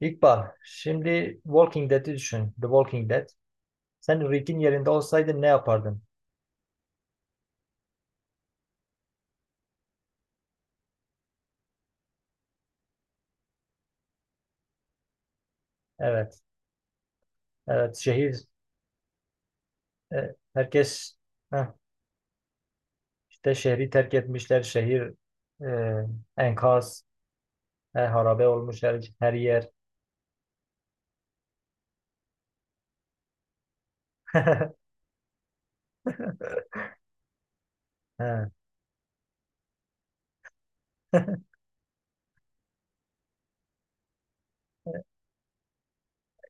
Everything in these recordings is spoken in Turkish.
İkbal, şimdi Walking Dead'i düşün. The Walking Dead. Sen Rick'in yerinde olsaydın ne yapardın? Evet, evet. Şehir, herkes heh, işte şehri terk etmişler. Şehir e, enkaz, harabe olmuş her yer. He,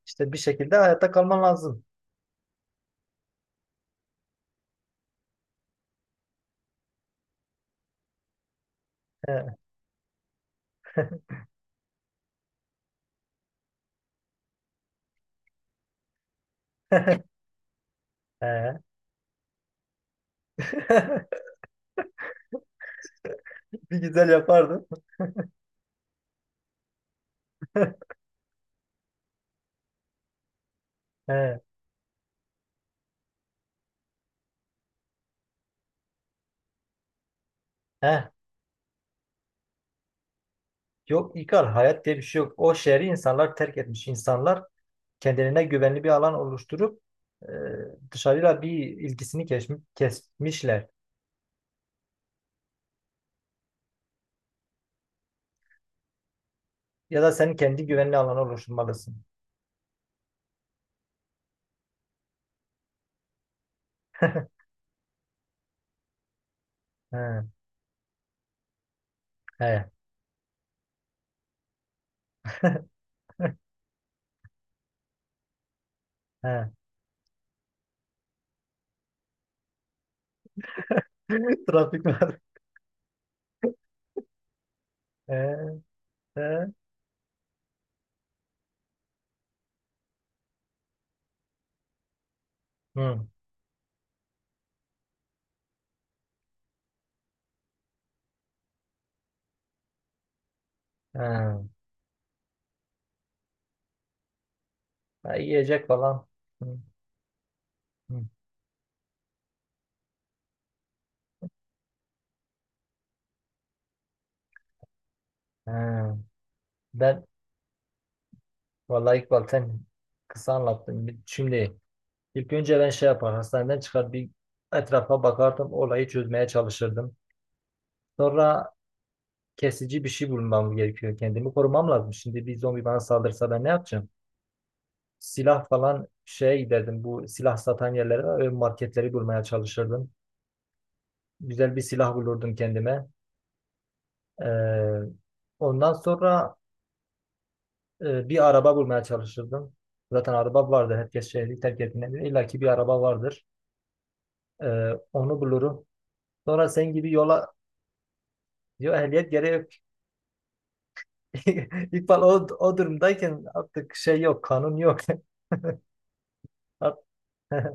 İşte bir şekilde hayatta kalman lazım. He, he. Bir güzel yapardın. He, he. Yok İkbal, hayat diye bir şey yok. O şehri insanlar terk etmiş. İnsanlar kendilerine güvenli bir alan oluşturup e, dışarıyla bir ilgisini kesmişler. Ya da sen kendi güvenli alanı oluşturmalısın. He, he, he. Trafik var. He, he. Hı, he. Ha, yiyecek falan. Hı, hı, he. Ben vallahi İkbal sen kısa anlattın. Şimdi ilk önce ben şey yapar hastaneden çıkar bir etrafa bakardım olayı çözmeye çalışırdım. Sonra kesici bir şey bulmam gerekiyor. Kendimi korumam lazım. Şimdi bir zombi bana saldırsa ben ne yapacağım? Silah falan şey giderdim. Bu silah satan yerlere var. Marketleri bulmaya çalışırdım. Güzel bir silah bulurdum kendime. Ee, ondan sonra bir araba bulmaya çalışırdım. Zaten araba vardı. Herkes şehri terk ettiğinde bile illa ki bir araba vardır. Onu bulurum. Sonra sen gibi yola diyor ehliyet gerek yok. İkbal o durumdayken artık şey yok, kanun yok. At-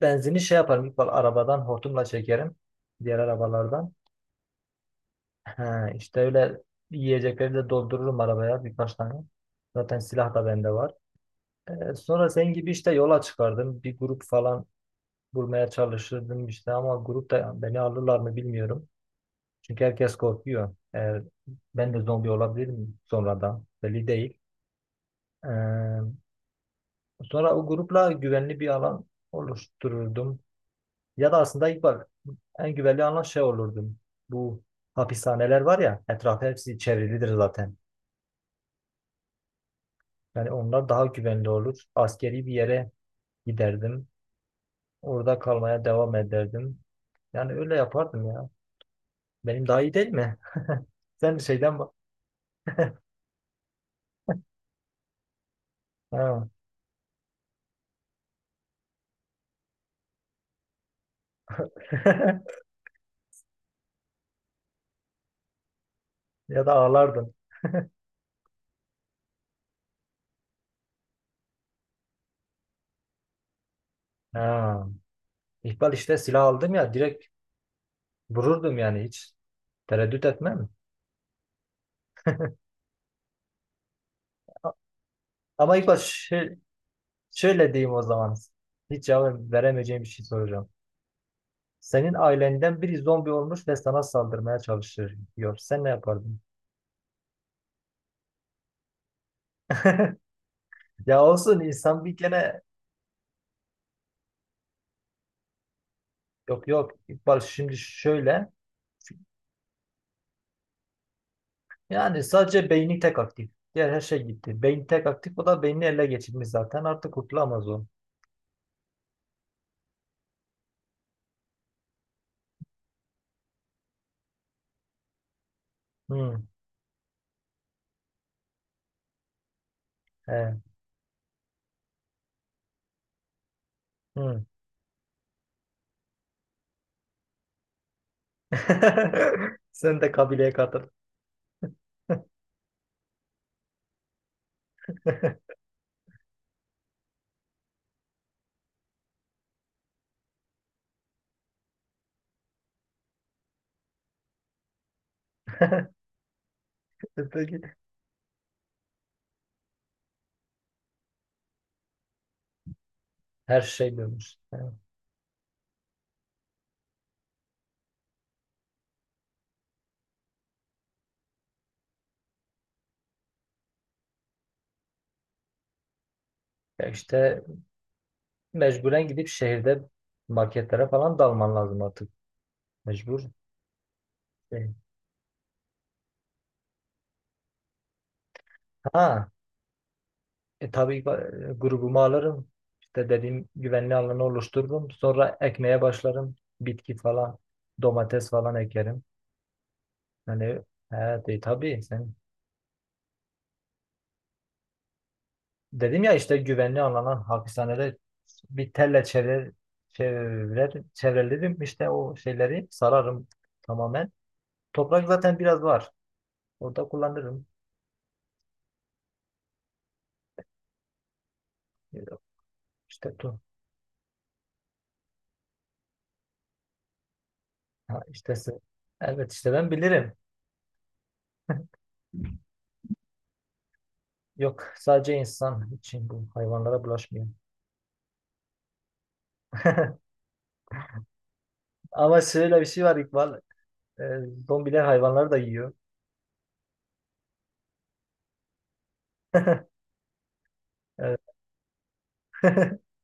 Benzini şey yaparım. İlk bal arabadan hortumla çekerim. Diğer arabalardan. He, işte öyle yiyecekleri de doldururum arabaya birkaç tane. Zaten silah da bende var. Sonra senin gibi işte yola çıkardım. Bir grup falan bulmaya çalışırdım işte ama grupta beni alırlar mı bilmiyorum. Çünkü herkes korkuyor. Eğer ben de zombi olabilirim sonradan. Belli değil. Ee, sonra o grupla güvenli bir alan oluştururdum. Ya da aslında ilk bak en güvenli alan şey olurdum. Bu hapishaneler var ya etrafı hepsi çevrilidir zaten. Yani onlar daha güvenli olur. Askeri bir yere giderdim. Orada kalmaya devam ederdim. Yani öyle yapardım ya. Benim daha iyi değil mi? Sen şeyden bak. Ha. Ya da ağlardın. Ha. İkbal işte silah aldım ya direkt vururdum yani hiç tereddüt etmem. Ama İkbal şöyle diyeyim o zaman. Hiç cevap veremeyeceğim bir şey soracağım. Senin ailenden biri zombi olmuş ve sana saldırmaya çalışıyor diyor. Sen ne yapardın? Ya olsun insan bir kere. Yok, yok. Bak şimdi şöyle, yani sadece beyni tek aktif. Diğer her şey gitti. Beyin tek aktif o da beynini ele geçirmiş zaten artık kurtulamaz o. Hmm, he, hmm. Sen de kabileye katıl. Peki. Her şey dönmüş. He. Ya işte mecburen gidip şehirde marketlere falan dalman lazım artık. Mecbur. Şey. Ha. Tabii grubumu alırım. İşte dediğim güvenli alanı oluştururum. Sonra ekmeye başlarım. Bitki falan, domates falan ekerim. Yani evet, tabii sen dedim ya işte güvenli alana hapishanede bir telle çevrelerim işte o şeyleri sararım tamamen. Toprak zaten biraz var. Orada kullanırım. İşte tu. Ha, işte evet işte ben bilirim. Yok sadece insan için bu hayvanlara bulaşmıyor. Ama şöyle bir şey var İkbal. E, zombiler hayvanları da yiyor. Evet.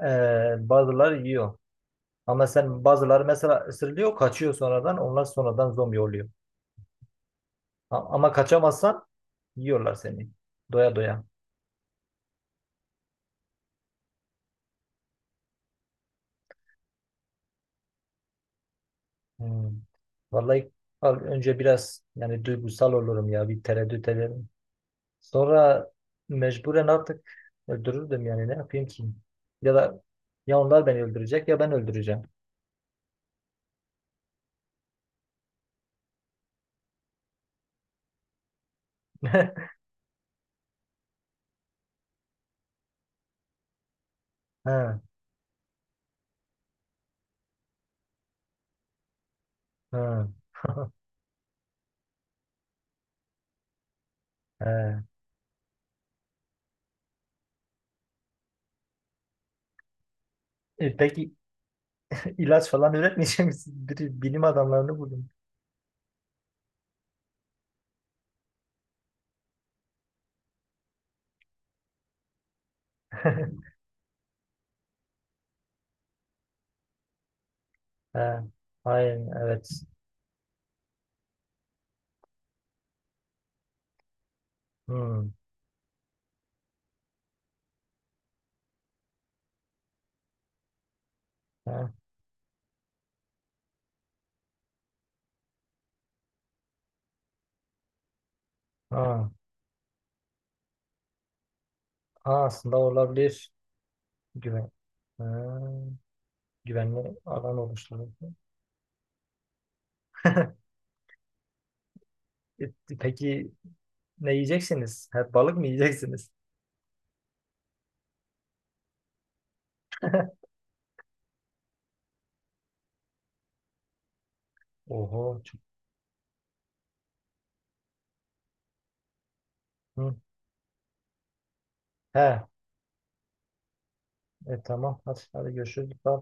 Bazıları yiyor. Ama sen bazıları mesela ısırılıyor, kaçıyor sonradan. Onlar sonradan zombi oluyor. Ama kaçamazsan yiyorlar seni. Doya doya. Hmm. Vallahi önce biraz yani duygusal olurum ya. Bir tereddüt ederim. Sonra mecburen artık öldürürdüm yani. Ne yapayım ki? Ya da ya onlar beni öldürecek ya ben öldüreceğim. Ha, ha. He. Peki ilaç falan üretmeyecek misin? Bir bilim adamlarını buldum. He. Hayır, evet. Hmm. He. Ha. Ha, aslında olabilir. Güven. Ha. Güvenli alan oluşturuldu. Peki ne yiyeceksiniz? Hep balık mı yiyeceksiniz? Oho. Çok. Hı. He. Tamam. Hadi, hadi görüşürüz. Bye.